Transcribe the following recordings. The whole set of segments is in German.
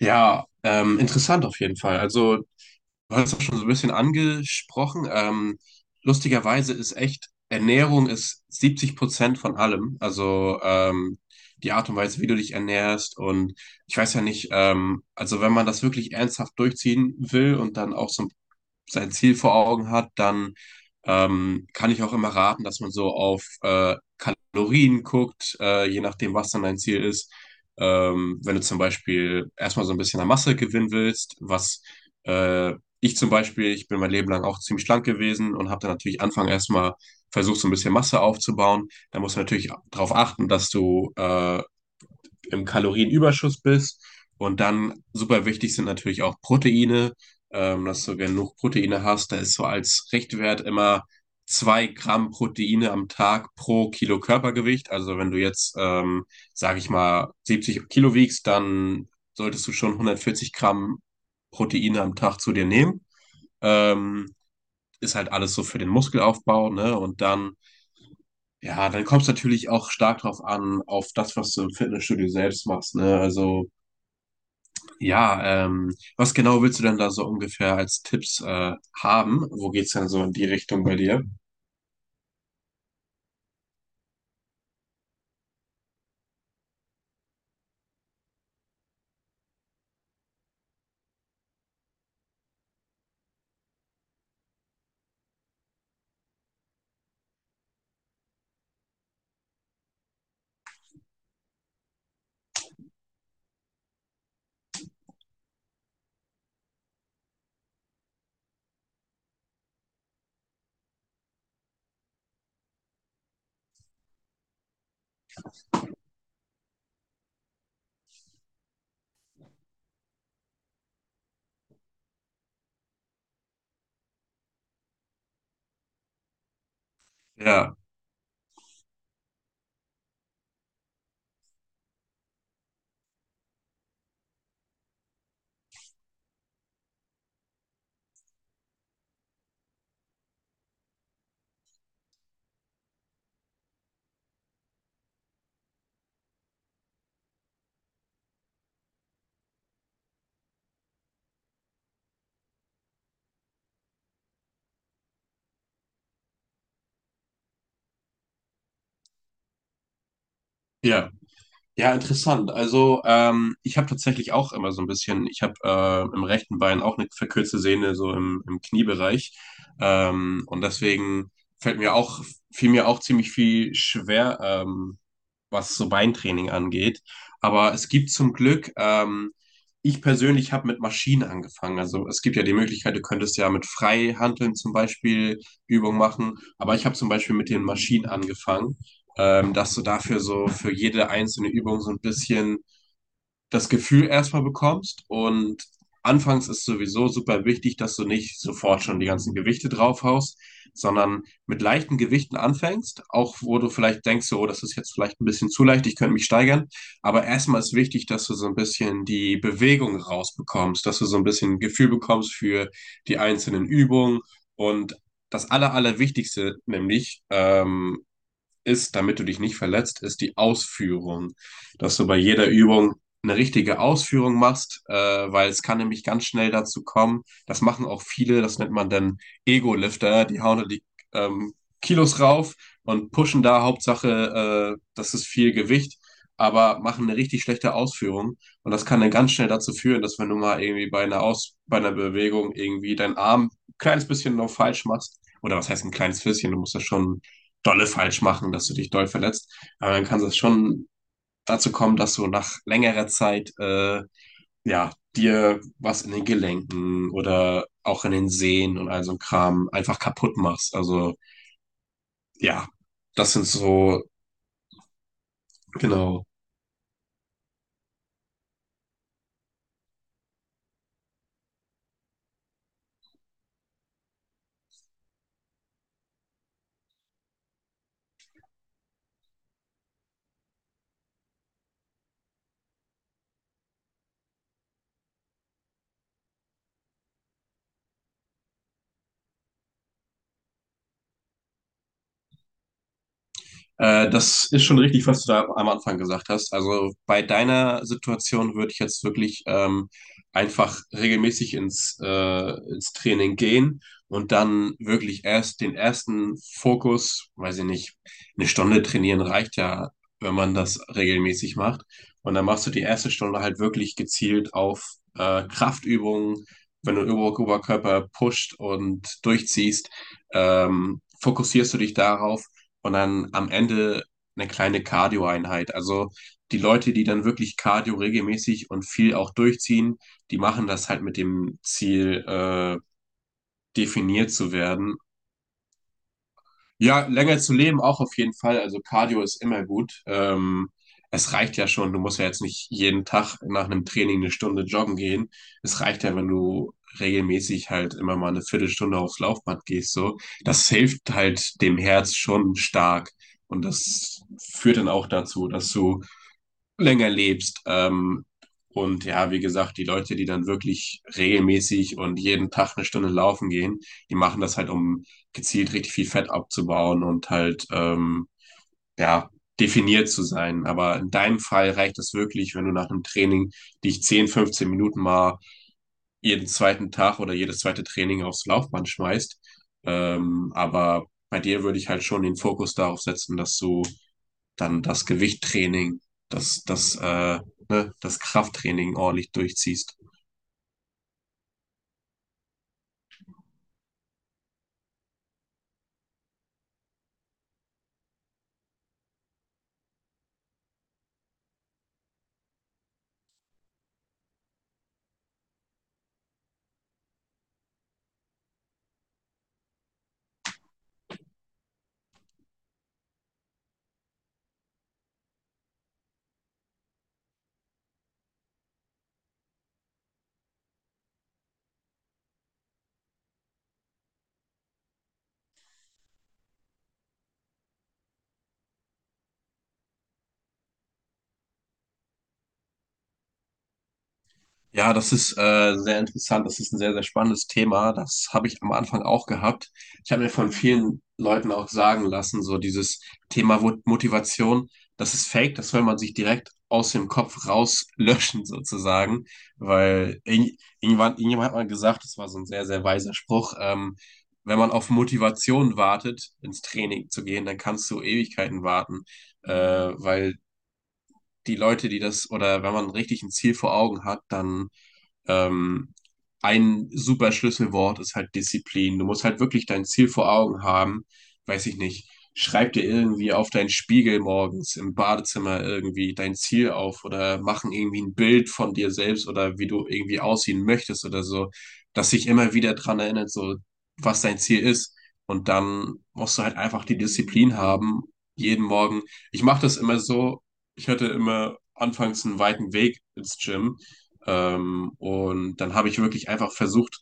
Ja, interessant auf jeden Fall. Also, du hast das schon so ein bisschen angesprochen. Lustigerweise ist echt, Ernährung ist 70% von allem. Also, die Art und Weise, wie du dich ernährst. Und ich weiß ja nicht, also wenn man das wirklich ernsthaft durchziehen will und dann auch so ein sein Ziel vor Augen hat, dann kann ich auch immer raten, dass man so auf Kalorien guckt, je nachdem, was dann dein Ziel ist. Wenn du zum Beispiel erstmal so ein bisschen an Masse gewinnen willst, was äh, ich bin mein Leben lang auch ziemlich schlank gewesen und habe dann natürlich Anfang erstmal versucht, so ein bisschen Masse aufzubauen. Da musst du natürlich darauf achten, dass du im Kalorienüberschuss bist. Und dann super wichtig sind natürlich auch Proteine, dass du genug Proteine hast. Da ist so als Richtwert immer 2 Gramm Proteine am Tag pro Kilo Körpergewicht. Also wenn du jetzt, sage ich mal, 70 Kilo wiegst, dann solltest du schon 140 Gramm Proteine am Tag zu dir nehmen. Ähm, Ist halt alles so für den Muskelaufbau, ne? Und dann, ja, dann kommt es natürlich auch stark drauf an, auf das, was du im Fitnessstudio selbst machst, ne? Also ja, was genau willst du denn da so ungefähr als Tipps haben? Wo geht's denn so in die Richtung bei dir? Ja, ja. Ja, interessant. Also ich habe tatsächlich auch immer so ein bisschen, ich habe im rechten Bein auch eine verkürzte Sehne so im Kniebereich. Und deswegen fällt mir auch, fiel mir auch ziemlich viel schwer, was so Beintraining angeht. Aber es gibt zum Glück, ich persönlich habe mit Maschinen angefangen. Also es gibt ja die Möglichkeit, du könntest ja mit Freihanteln zum Beispiel Übungen machen. Aber ich habe zum Beispiel mit den Maschinen angefangen, dass du dafür so für jede einzelne Übung so ein bisschen das Gefühl erstmal bekommst. Und anfangs ist sowieso super wichtig, dass du nicht sofort schon die ganzen Gewichte draufhaust, sondern mit leichten Gewichten anfängst, auch wo du vielleicht denkst, so, oh, das ist jetzt vielleicht ein bisschen zu leicht, ich könnte mich steigern. Aber erstmal ist wichtig, dass du so ein bisschen die Bewegung rausbekommst, dass du so ein bisschen ein Gefühl bekommst für die einzelnen Übungen, und das Allerwichtigste, nämlich ist, damit du dich nicht verletzt, ist die Ausführung. Dass du bei jeder Übung eine richtige Ausführung machst, weil es kann nämlich ganz schnell dazu kommen. Das machen auch viele, das nennt man dann Ego-Lifter, die hauen da die ähm, Kilos rauf und pushen da Hauptsache, das ist viel Gewicht, aber machen eine richtig schlechte Ausführung. Und das kann dann ganz schnell dazu führen, dass wenn du mal irgendwie bei einer Bewegung irgendwie deinen Arm ein kleines bisschen noch falsch machst, oder was heißt ein kleines bisschen, du musst das schon dolle falsch machen, dass du dich doll verletzt. Aber dann kann es schon dazu kommen, dass du nach längerer Zeit ja dir was in den Gelenken oder auch in den Sehnen und all so ein Kram einfach kaputt machst. Also ja, das sind so genau. Das ist schon richtig, was du da am Anfang gesagt hast. Also bei deiner Situation würde ich jetzt wirklich einfach regelmäßig ins Training gehen und dann wirklich erst den ersten Fokus, weiß ich nicht, eine Stunde trainieren reicht ja, wenn man das regelmäßig macht. Und dann machst du die erste Stunde halt wirklich gezielt auf Kraftübungen, wenn du Oberkörper pusht und durchziehst, fokussierst du dich darauf und dann am Ende eine kleine Cardio-Einheit. Also die Leute, die dann wirklich Cardio regelmäßig und viel auch durchziehen, die machen das halt mit dem Ziel, definiert zu werden. Ja, länger zu leben auch auf jeden Fall. Also Cardio ist immer gut. Es reicht ja schon. Du musst ja jetzt nicht jeden Tag nach einem Training eine Stunde joggen gehen. Es reicht ja, wenn du regelmäßig halt immer mal eine Viertelstunde aufs Laufband gehst, so. Das hilft halt dem Herz schon stark. Und das führt dann auch dazu, dass du länger lebst. Und ja, wie gesagt, die Leute, die dann wirklich regelmäßig und jeden Tag eine Stunde laufen gehen, die machen das halt, um gezielt richtig viel Fett abzubauen und halt, ja, definiert zu sein. Aber in deinem Fall reicht es wirklich, wenn du nach einem Training dich 10, 15 Minuten mal jeden zweiten Tag oder jedes zweite Training aufs Laufband schmeißt. Aber bei dir würde ich halt schon den Fokus darauf setzen, dass du dann das Gewichttraining, das, das, äh, ne, das Krafttraining ordentlich durchziehst. Ja, das ist sehr interessant. Das ist ein sehr, sehr spannendes Thema. Das habe ich am Anfang auch gehabt. Ich habe mir von vielen Leuten auch sagen lassen, so dieses Thema Motivation, das ist fake, das soll man sich direkt aus dem Kopf rauslöschen sozusagen, weil irgendwann, irgendjemand hat mal gesagt, das war so ein sehr, sehr weiser Spruch. Wenn man auf Motivation wartet, ins Training zu gehen, dann kannst du Ewigkeiten warten, weil die Leute, die das, oder wenn man richtig ein Ziel vor Augen hat, dann ähm, ein super Schlüsselwort ist halt Disziplin. Du musst halt wirklich dein Ziel vor Augen haben. Weiß ich nicht. Schreib dir irgendwie auf deinen Spiegel morgens im Badezimmer irgendwie dein Ziel auf oder machen irgendwie ein Bild von dir selbst oder wie du irgendwie aussehen möchtest oder so, dass sich immer wieder dran erinnert, so was dein Ziel ist. Und dann musst du halt einfach die Disziplin haben, jeden Morgen. Ich mache das immer so, ich hatte immer anfangs einen weiten Weg ins Gym. Und dann habe ich wirklich einfach versucht,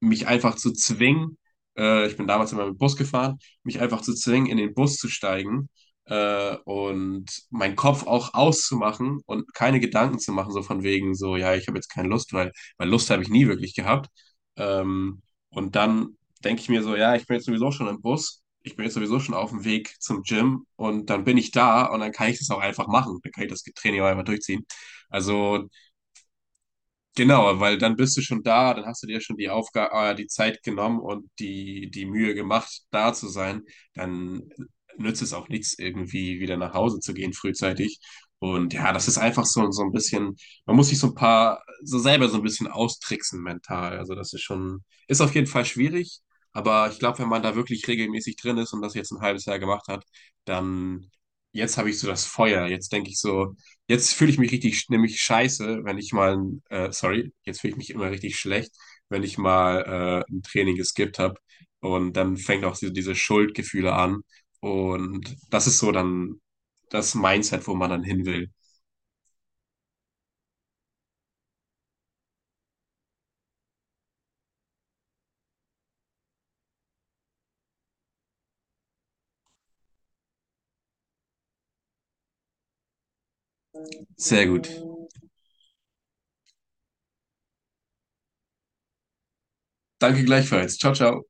mich einfach zu zwingen, ich bin damals immer mit dem Bus gefahren, mich einfach zu zwingen, in den Bus zu steigen, und meinen Kopf auch auszumachen und keine Gedanken zu machen, so von wegen, so, ja, ich habe jetzt keine Lust, weil Lust habe ich nie wirklich gehabt. Ähm, und dann denke ich mir so, ja, ich bin jetzt sowieso schon im Bus. Ich bin jetzt sowieso schon auf dem Weg zum Gym und dann bin ich da und dann kann ich das auch einfach machen. Dann kann ich das Training auch einfach durchziehen. Also genau, weil dann bist du schon da, dann hast du dir schon die Aufgabe, die Zeit genommen und die Mühe gemacht, da zu sein. Dann nützt es auch nichts, irgendwie wieder nach Hause zu gehen frühzeitig. Und ja, das ist einfach so, so ein bisschen, man muss sich so ein paar, so selber so ein bisschen austricksen mental. Also das ist schon, ist auf jeden Fall schwierig, aber ich glaube, wenn man da wirklich regelmäßig drin ist und das jetzt ein halbes Jahr gemacht hat, dann jetzt habe ich so das Feuer. Jetzt denke ich so, jetzt fühle ich mich richtig, nämlich scheiße, wenn ich mal, ein, sorry, jetzt fühle ich mich immer richtig schlecht, wenn ich mal ein Training geskippt habe. Und dann fängt auch diese Schuldgefühle an. Und das ist so dann das Mindset, wo man dann hin will. Sehr gut. Danke gleichfalls. Ciao, ciao.